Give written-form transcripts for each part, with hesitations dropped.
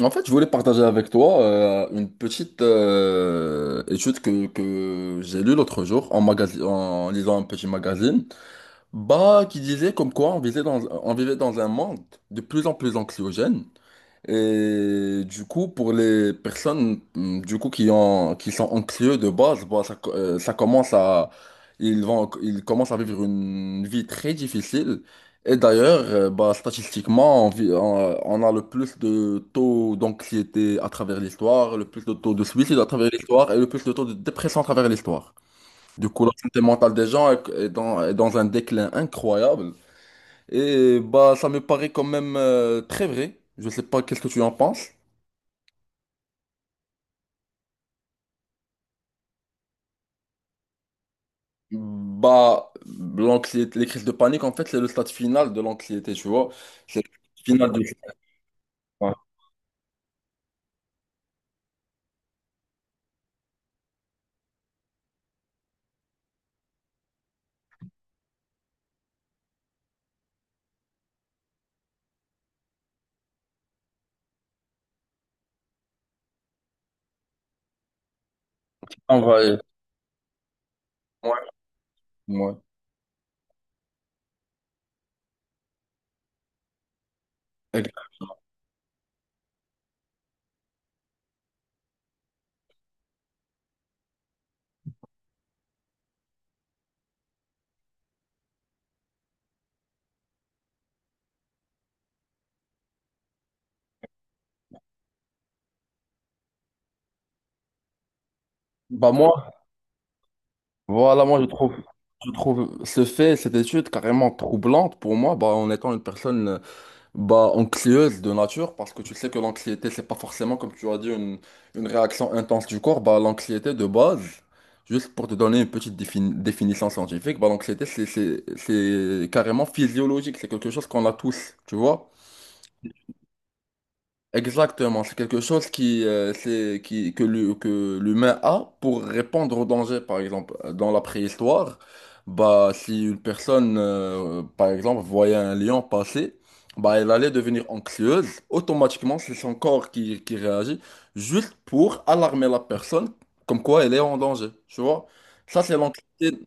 En fait, je voulais partager avec toi une petite étude que j'ai lue l'autre jour en, en lisant un petit magazine, bah, qui disait comme quoi on vivait dans un monde de plus en plus anxiogène et du coup, pour les personnes du coup, qui sont anxieux de base, bah, ça commence à, ils commencent à vivre une vie très difficile. Et d'ailleurs, bah, statistiquement, on a le plus de taux d'anxiété à travers l'histoire, le plus de taux de suicide à travers l'histoire et le plus de taux de dépression à travers l'histoire. Du coup, la santé mentale des gens est dans, est dans un déclin incroyable. Et bah, ça me paraît quand même très vrai. Je sais pas qu'est-ce que tu en penses. Bah, l'anxiété, les crises de panique, en fait, c'est le stade final de l'anxiété, tu vois. C'est le final de. Ouais. Envahir. Ouais. Ouais. Exact. Bah, moi, voilà, je trouve ce fait, cette étude carrément troublante pour moi, bah, en étant une personne. Bah, anxieuse de nature, parce que tu sais que l'anxiété, c'est pas forcément, comme tu as dit, une réaction intense du corps. Bah, l'anxiété de base, juste pour te donner une petite définition scientifique, bah, l'anxiété, c'est carrément physiologique, c'est quelque chose qu'on a tous, tu vois? Exactement, c'est quelque chose que que l'humain a pour répondre au danger. Par exemple, dans la préhistoire, bah, si une personne, par exemple, voyait un lion passer, bah, elle allait devenir anxieuse. Automatiquement, c'est son corps qui réagit juste pour alarmer la personne, comme quoi elle est en danger. Tu vois? Ça, c'est l'anxiété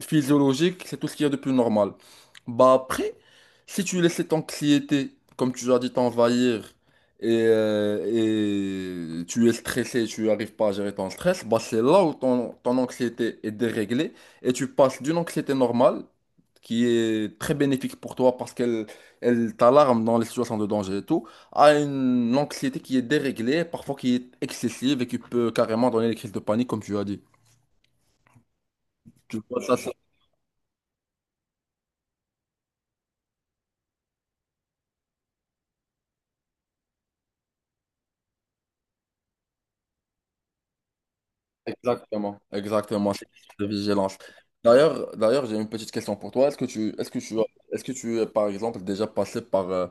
physiologique, c'est tout ce qu'il y a de plus normal. Bah, après, si tu laisses cette anxiété, comme tu as dit, t'envahir, et tu es stressé, tu n'arrives pas à gérer ton stress, bah c'est là où ton anxiété est déréglée et tu passes d'une anxiété normale, qui est très bénéfique pour toi parce qu'elle t'alarme dans les situations de danger et tout, à une anxiété qui est déréglée, parfois qui est excessive et qui peut carrément donner des crises de panique, comme tu as dit. Tu vois, ça. Exactement, exactement, c'est de vigilance. D'ailleurs, d'ailleurs, j'ai une petite question pour toi. Est-ce que tu es, par exemple, déjà passé par,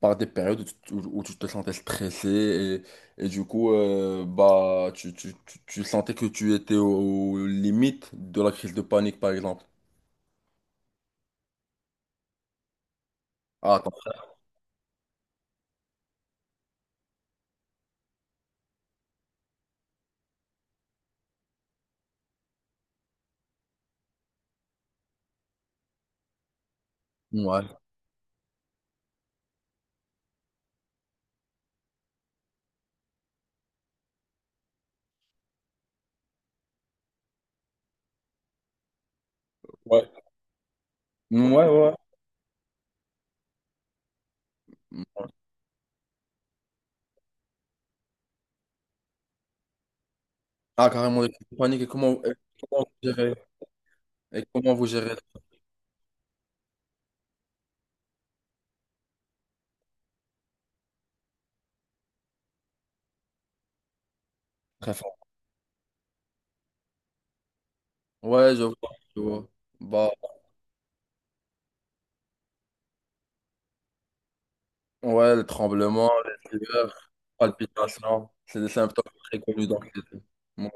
par des périodes où tu te sentais stressé et du coup, bah, tu sentais que tu étais aux limites de la crise de panique, par exemple? Ah, attends. Ouais. Ouais. Ouais, ouais. Ah, carrément, les crises de panique. Comment vous gérez, et comment vous gérez? Très fort. Ouais, je vois, je vois. Bah. Ouais, le tremblement, les sueurs, palpitations, c'est des symptômes très connus d'anxiété. Moi,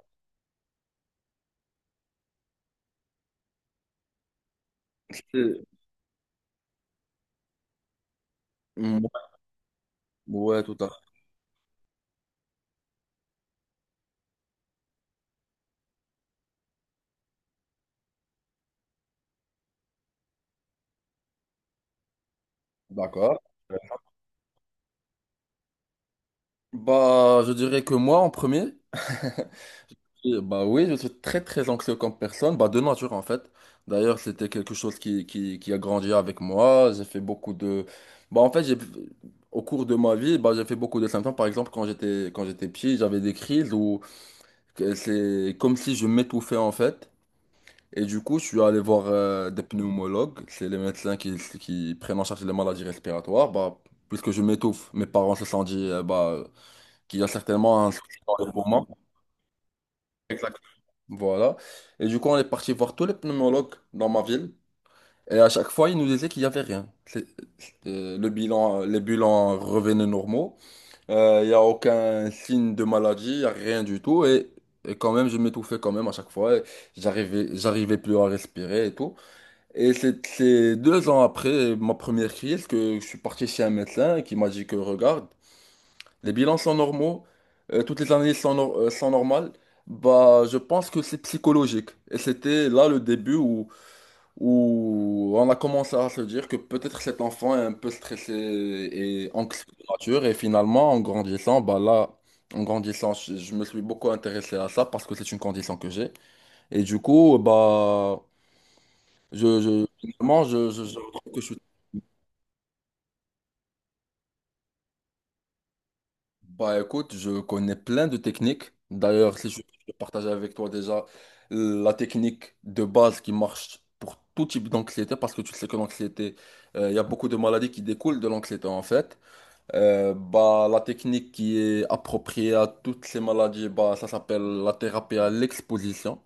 c'est- moi- ouais, tout à fait. D'accord. Bah, je dirais que moi, en premier, et bah oui, je suis très très anxieux comme personne, bah de nature en fait. D'ailleurs, c'était quelque chose qui a grandi avec moi. J'ai fait beaucoup de... Bah en fait, j'ai... au cours de ma vie, bah, j'ai fait beaucoup de symptômes. Par exemple, quand j'étais petit, j'avais des crises où que c'est comme si je m'étouffais en fait. Et du coup, je suis allé voir des pneumologues, c'est les médecins qui prennent en charge les maladies respiratoires. Bah, puisque je m'étouffe, mes parents se sont dit bah, qu'il y a certainement un souci dans les poumons. Exact. Voilà. Et du coup, on est parti voir tous les pneumologues dans ma ville. Et à chaque fois, ils nous disaient qu'il n'y avait rien. Le bilan, les bilans revenaient normaux. Il n'y a aucun signe de maladie, il n'y a rien du tout. Et quand même, je m'étouffais quand même à chaque fois. Et j'arrivais plus à respirer et tout. Et c'est deux ans après ma première crise que je suis parti chez un médecin qui m'a dit que regarde, les bilans sont normaux, toutes les analyses sont, sont normales. Bah, je pense que c'est psychologique. Et c'était là le début où, où on a commencé à se dire que peut-être cet enfant est un peu stressé et anxieux de nature. Et finalement, en grandissant, bah là, en grandissant, je me suis beaucoup intéressé à ça parce que c'est une condition que j'ai. Et du coup, bah, finalement, je trouve que je suis. Bah écoute, je connais plein de techniques. D'ailleurs, si je peux partager avec toi déjà la technique de base qui marche pour tout type d'anxiété, parce que tu sais que l'anxiété, il y a beaucoup de maladies qui découlent de l'anxiété en fait. Bah, la technique qui est appropriée à toutes ces maladies, bah, ça s'appelle la thérapie à l'exposition.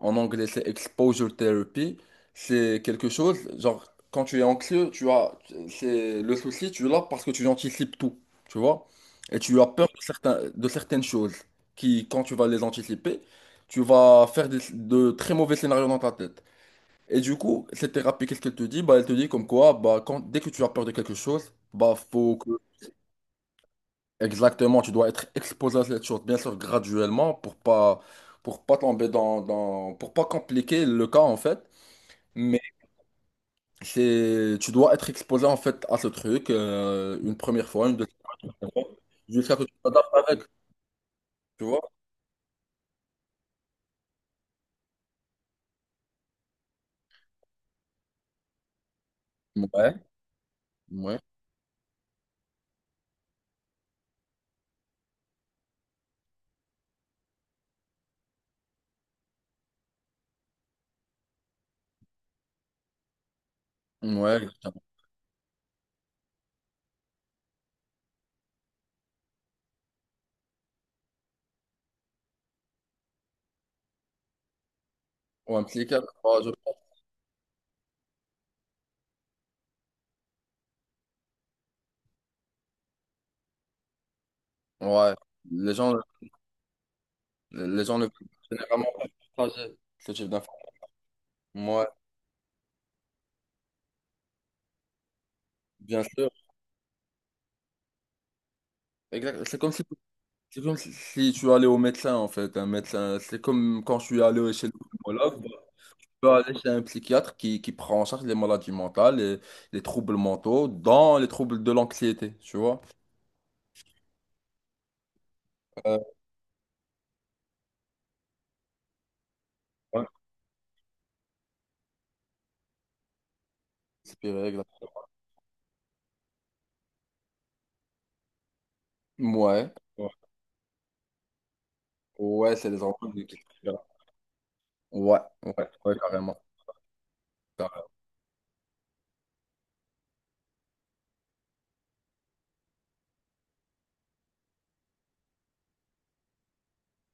En anglais, c'est exposure therapy. C'est quelque chose, genre, quand tu es anxieux, tu as, c'est le souci, tu l'as parce que tu anticipes tout, tu vois? Et tu as peur de certaines choses qui, quand tu vas les anticiper, tu vas faire de très mauvais scénarios dans ta tête. Et du coup, cette thérapie, qu'est-ce qu'elle te dit? Bah, elle te dit comme quoi, bah, quand, dès que tu as peur de quelque chose, bah, faut que, exactement, tu dois être exposé à cette chose, bien sûr, graduellement, pour pas tomber pour pas compliquer le cas, en fait. Mais c'est, tu dois être exposé en fait à ce truc une première fois, une deuxième fois, jusqu'à ce que tu t'adaptes avec, tu vois? Ouais, ouais, ouais, exactement. Ou un psychiatre, ouais, je pense. Ouais, les gens, les gens ne généralement pas partager ce type d'informations. Ouais, bien sûr. Exact. C'est comme si, si tu allais au médecin en fait, un médecin. C'est comme quand je suis allé chez le pneumologue. Peux aller chez un psychiatre qui prend en charge les maladies mentales, et les troubles mentaux, dans les troubles de l'anxiété, tu vois. Euh, ouais, inspiré, exact. Ouais. Ouais, ouais, c'est les enfants ouais, ouais, ouais, carrément. Carrément.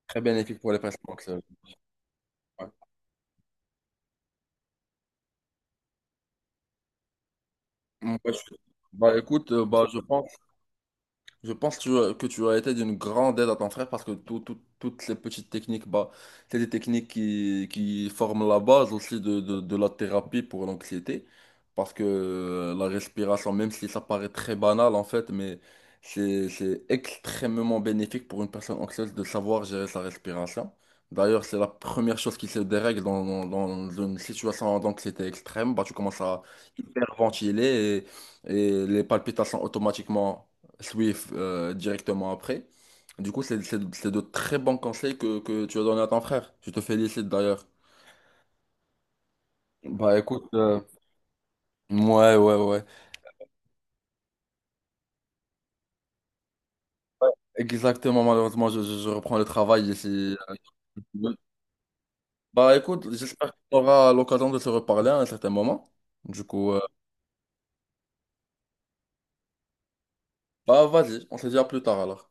Très bénéfique pour les personnes anxieuses. Ouais. Ouais, je-. Bah écoute, bah, je pense. Je pense que que tu as été d'une grande aide à ton frère parce que toutes les petites techniques, bah, c'est des techniques qui forment la base aussi de, de la thérapie pour l'anxiété. Parce que la respiration, même si ça paraît très banal en fait, mais c'est extrêmement bénéfique pour une personne anxieuse de savoir gérer sa respiration. D'ailleurs, c'est la première chose qui se dérègle dans, dans une situation d'anxiété extrême. Bah, tu commences à hyperventiler et, et les palpitations automatiquement. Swift directement après. Du coup, c'est de très bons conseils que tu as donné à ton frère. Je te félicite d'ailleurs. Bah écoute, ouais, ouais, ouais. Exactement, malheureusement, je reprends le travail ici. Bah écoute, j'espère qu'on aura l'occasion de se reparler à un certain moment. Du coup, bah vas-y, on se dit à plus tard alors.